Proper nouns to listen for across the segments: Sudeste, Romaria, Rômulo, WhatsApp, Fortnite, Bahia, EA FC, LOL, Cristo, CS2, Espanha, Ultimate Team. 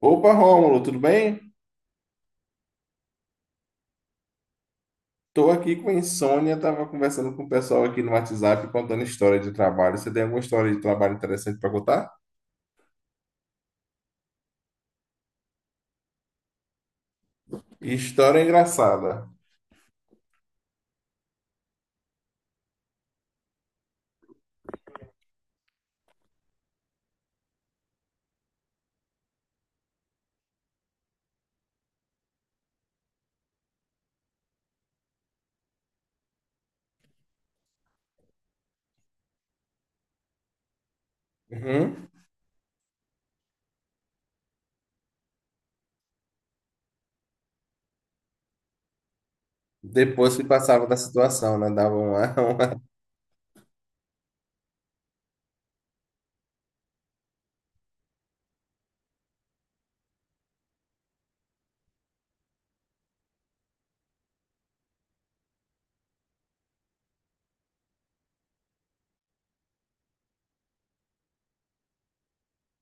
Opa, Rômulo, tudo bem? Tô aqui com insônia, tava conversando com o pessoal aqui no WhatsApp contando história de trabalho. Você tem alguma história de trabalho interessante para contar? História engraçada. Uhum. Depois que passava da situação, né? Dava uma, uma...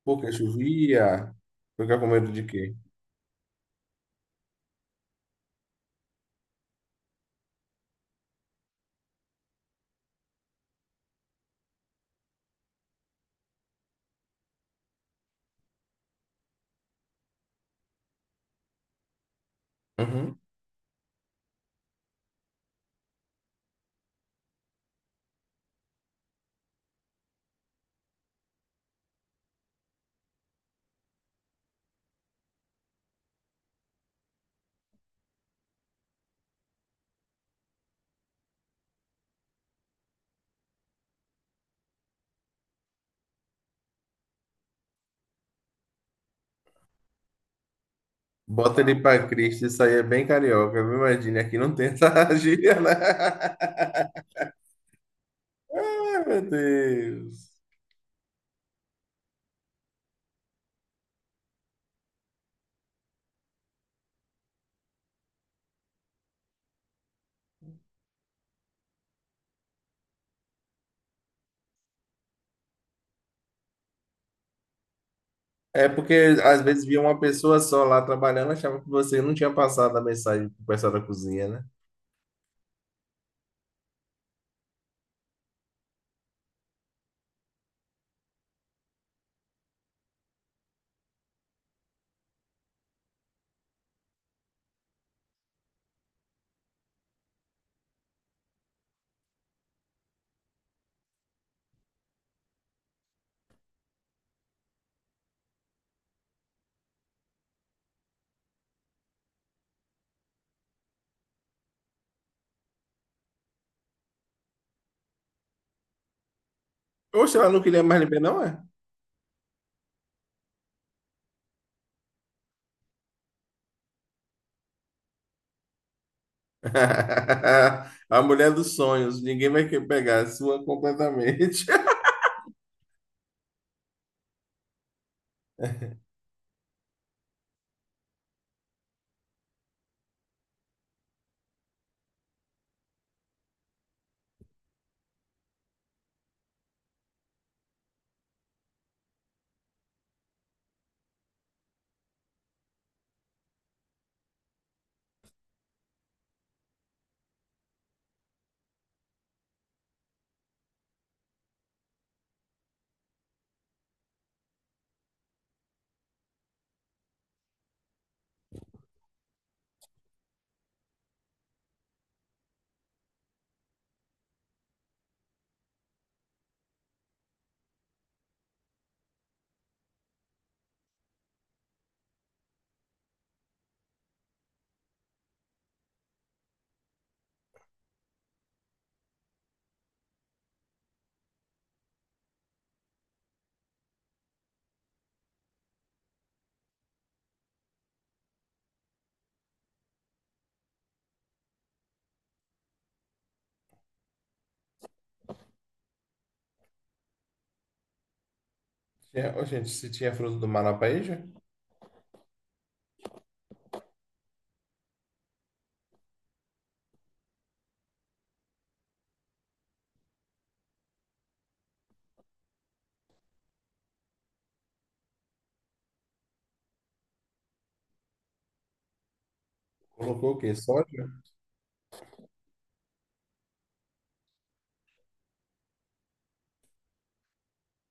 Porque chovia. Fica com medo de quê? Uhum. Bota ele pra Cristo, isso aí é bem carioca, viu? Imagina, aqui não tem essa gíria, né? Ai, meu Deus. É porque às vezes via uma pessoa só lá trabalhando, achava que você não tinha passado a mensagem pro pessoal da cozinha, né? Oxe, ela não queria mais lhe ver, não é? A mulher dos sonhos, ninguém vai querer pegar a sua completamente. É, ô, gente, se tinha fruto do mar na paella, colocou o quê? Soja?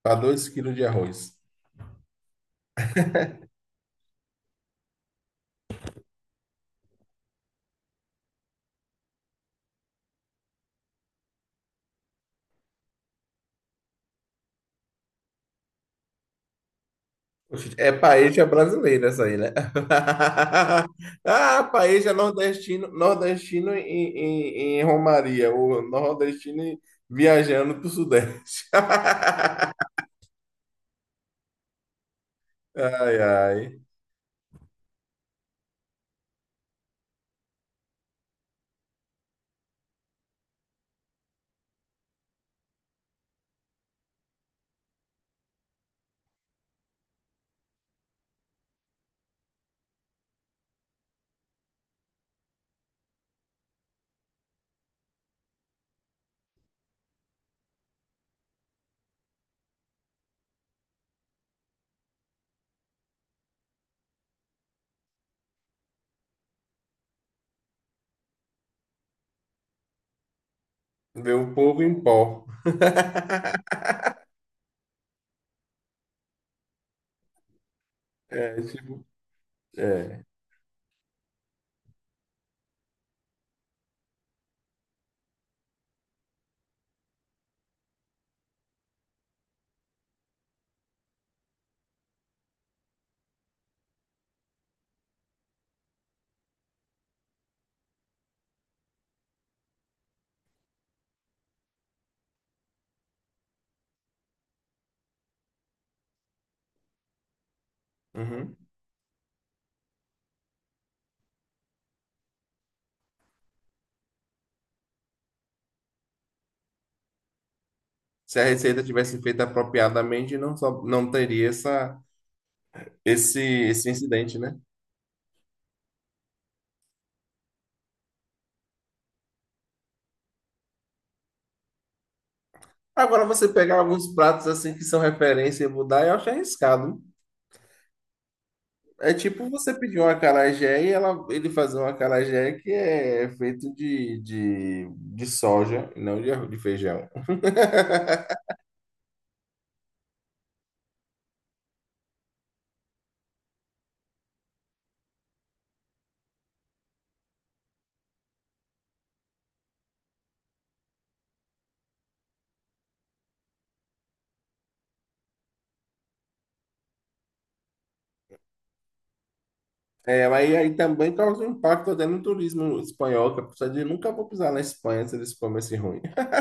Para dois quilos de arroz. Oxe, é paella brasileira essa aí, né? Ah, paella nordestino, nordestino em Romaria, ou nordestino em- viajando para o Sudeste. Ai, ai. Vê o povo em pó. É, tipo, é. Uhum. Se a receita tivesse feita apropriadamente, não, só, não teria essa, esse incidente, né? Agora, você pegar alguns pratos assim que são referência e mudar, eu acho arriscado. É tipo você pedir uma acarajé e ela, ele fazer um acarajé que é feito de soja, e não de, arroz- de feijão. É, mas aí também causa um impacto até no turismo espanhol, que a pessoa diz, nunca vou pisar na Espanha se eles comem esse ruim.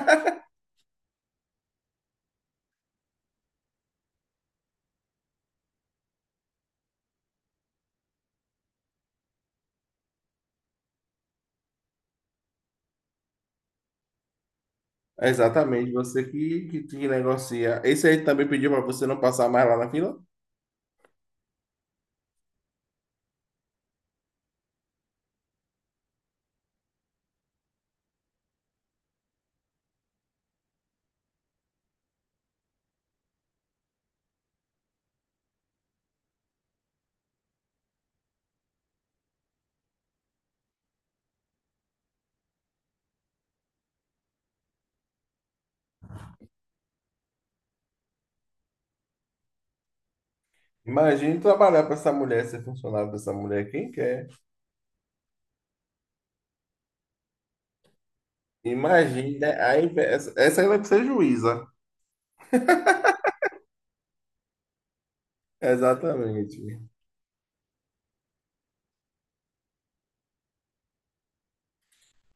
É, exatamente, você que negocia. Esse aí também pediu para você não passar mais lá na fila? Imagine trabalhar para essa mulher, ser funcionário dessa mulher, quem quer? Imagine, né? Aí, essa aí vai ser juíza. Exatamente.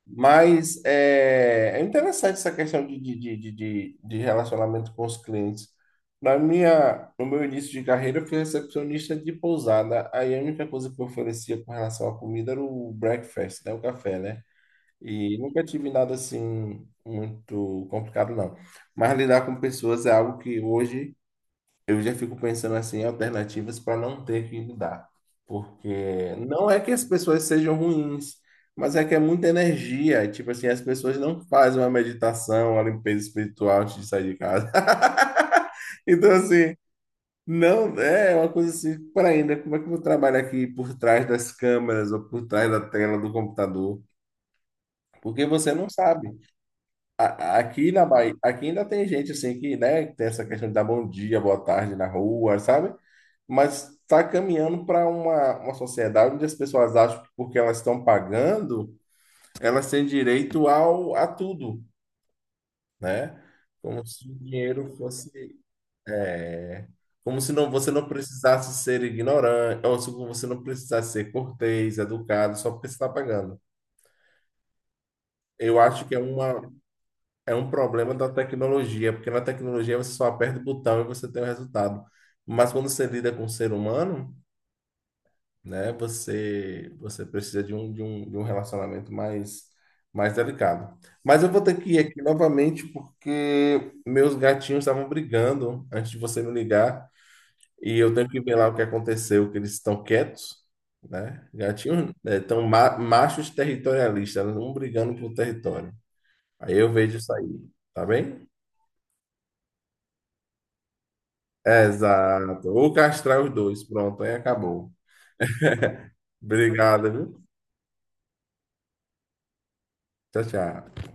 Mas é, é interessante essa questão de relacionamento com os clientes. No meu início de carreira, eu fui recepcionista de pousada. Aí a única coisa que eu oferecia com relação à comida era o breakfast, né? O café, né? E nunca tive nada assim muito complicado, não. Mas lidar com pessoas é algo que hoje eu já fico pensando assim em alternativas para não ter que lidar. Porque não é que as pessoas sejam ruins, mas é que é muita energia. Tipo assim, as pessoas não fazem uma meditação, uma limpeza espiritual antes de sair de casa. Então, assim, não é uma coisa assim, para ainda, como é que eu vou trabalhar aqui por trás das câmeras ou por trás da tela do computador? Porque você não sabe. A- aqui na Bahia, aqui ainda tem gente assim que, né, tem essa questão de dar bom dia, boa tarde na rua, sabe? Mas está caminhando para uma sociedade onde as pessoas acham que porque elas estão pagando, elas têm direito ao, a tudo, né? Como se o dinheiro fosse, é, como se não, você não precisasse ser ignorante, ou se você não precisasse ser cortês, educado, só porque você está pagando. Eu acho que é uma, é um problema da tecnologia, porque na tecnologia você só aperta o botão e você tem o resultado. Mas quando você lida com o ser humano, né? Você precisa de um, de um relacionamento mais delicado. Mas eu vou ter que ir aqui novamente porque meus gatinhos estavam brigando antes de você me ligar e eu tenho que ver lá o que aconteceu, que eles estão quietos, né? Gatinhos, né, tão ma- machos territorialistas, um brigando por território. Aí eu vejo isso aí, tá bem? É, exato. Ou castrar os dois, pronto, aí acabou. Obrigado, viu? Tchau, tchau.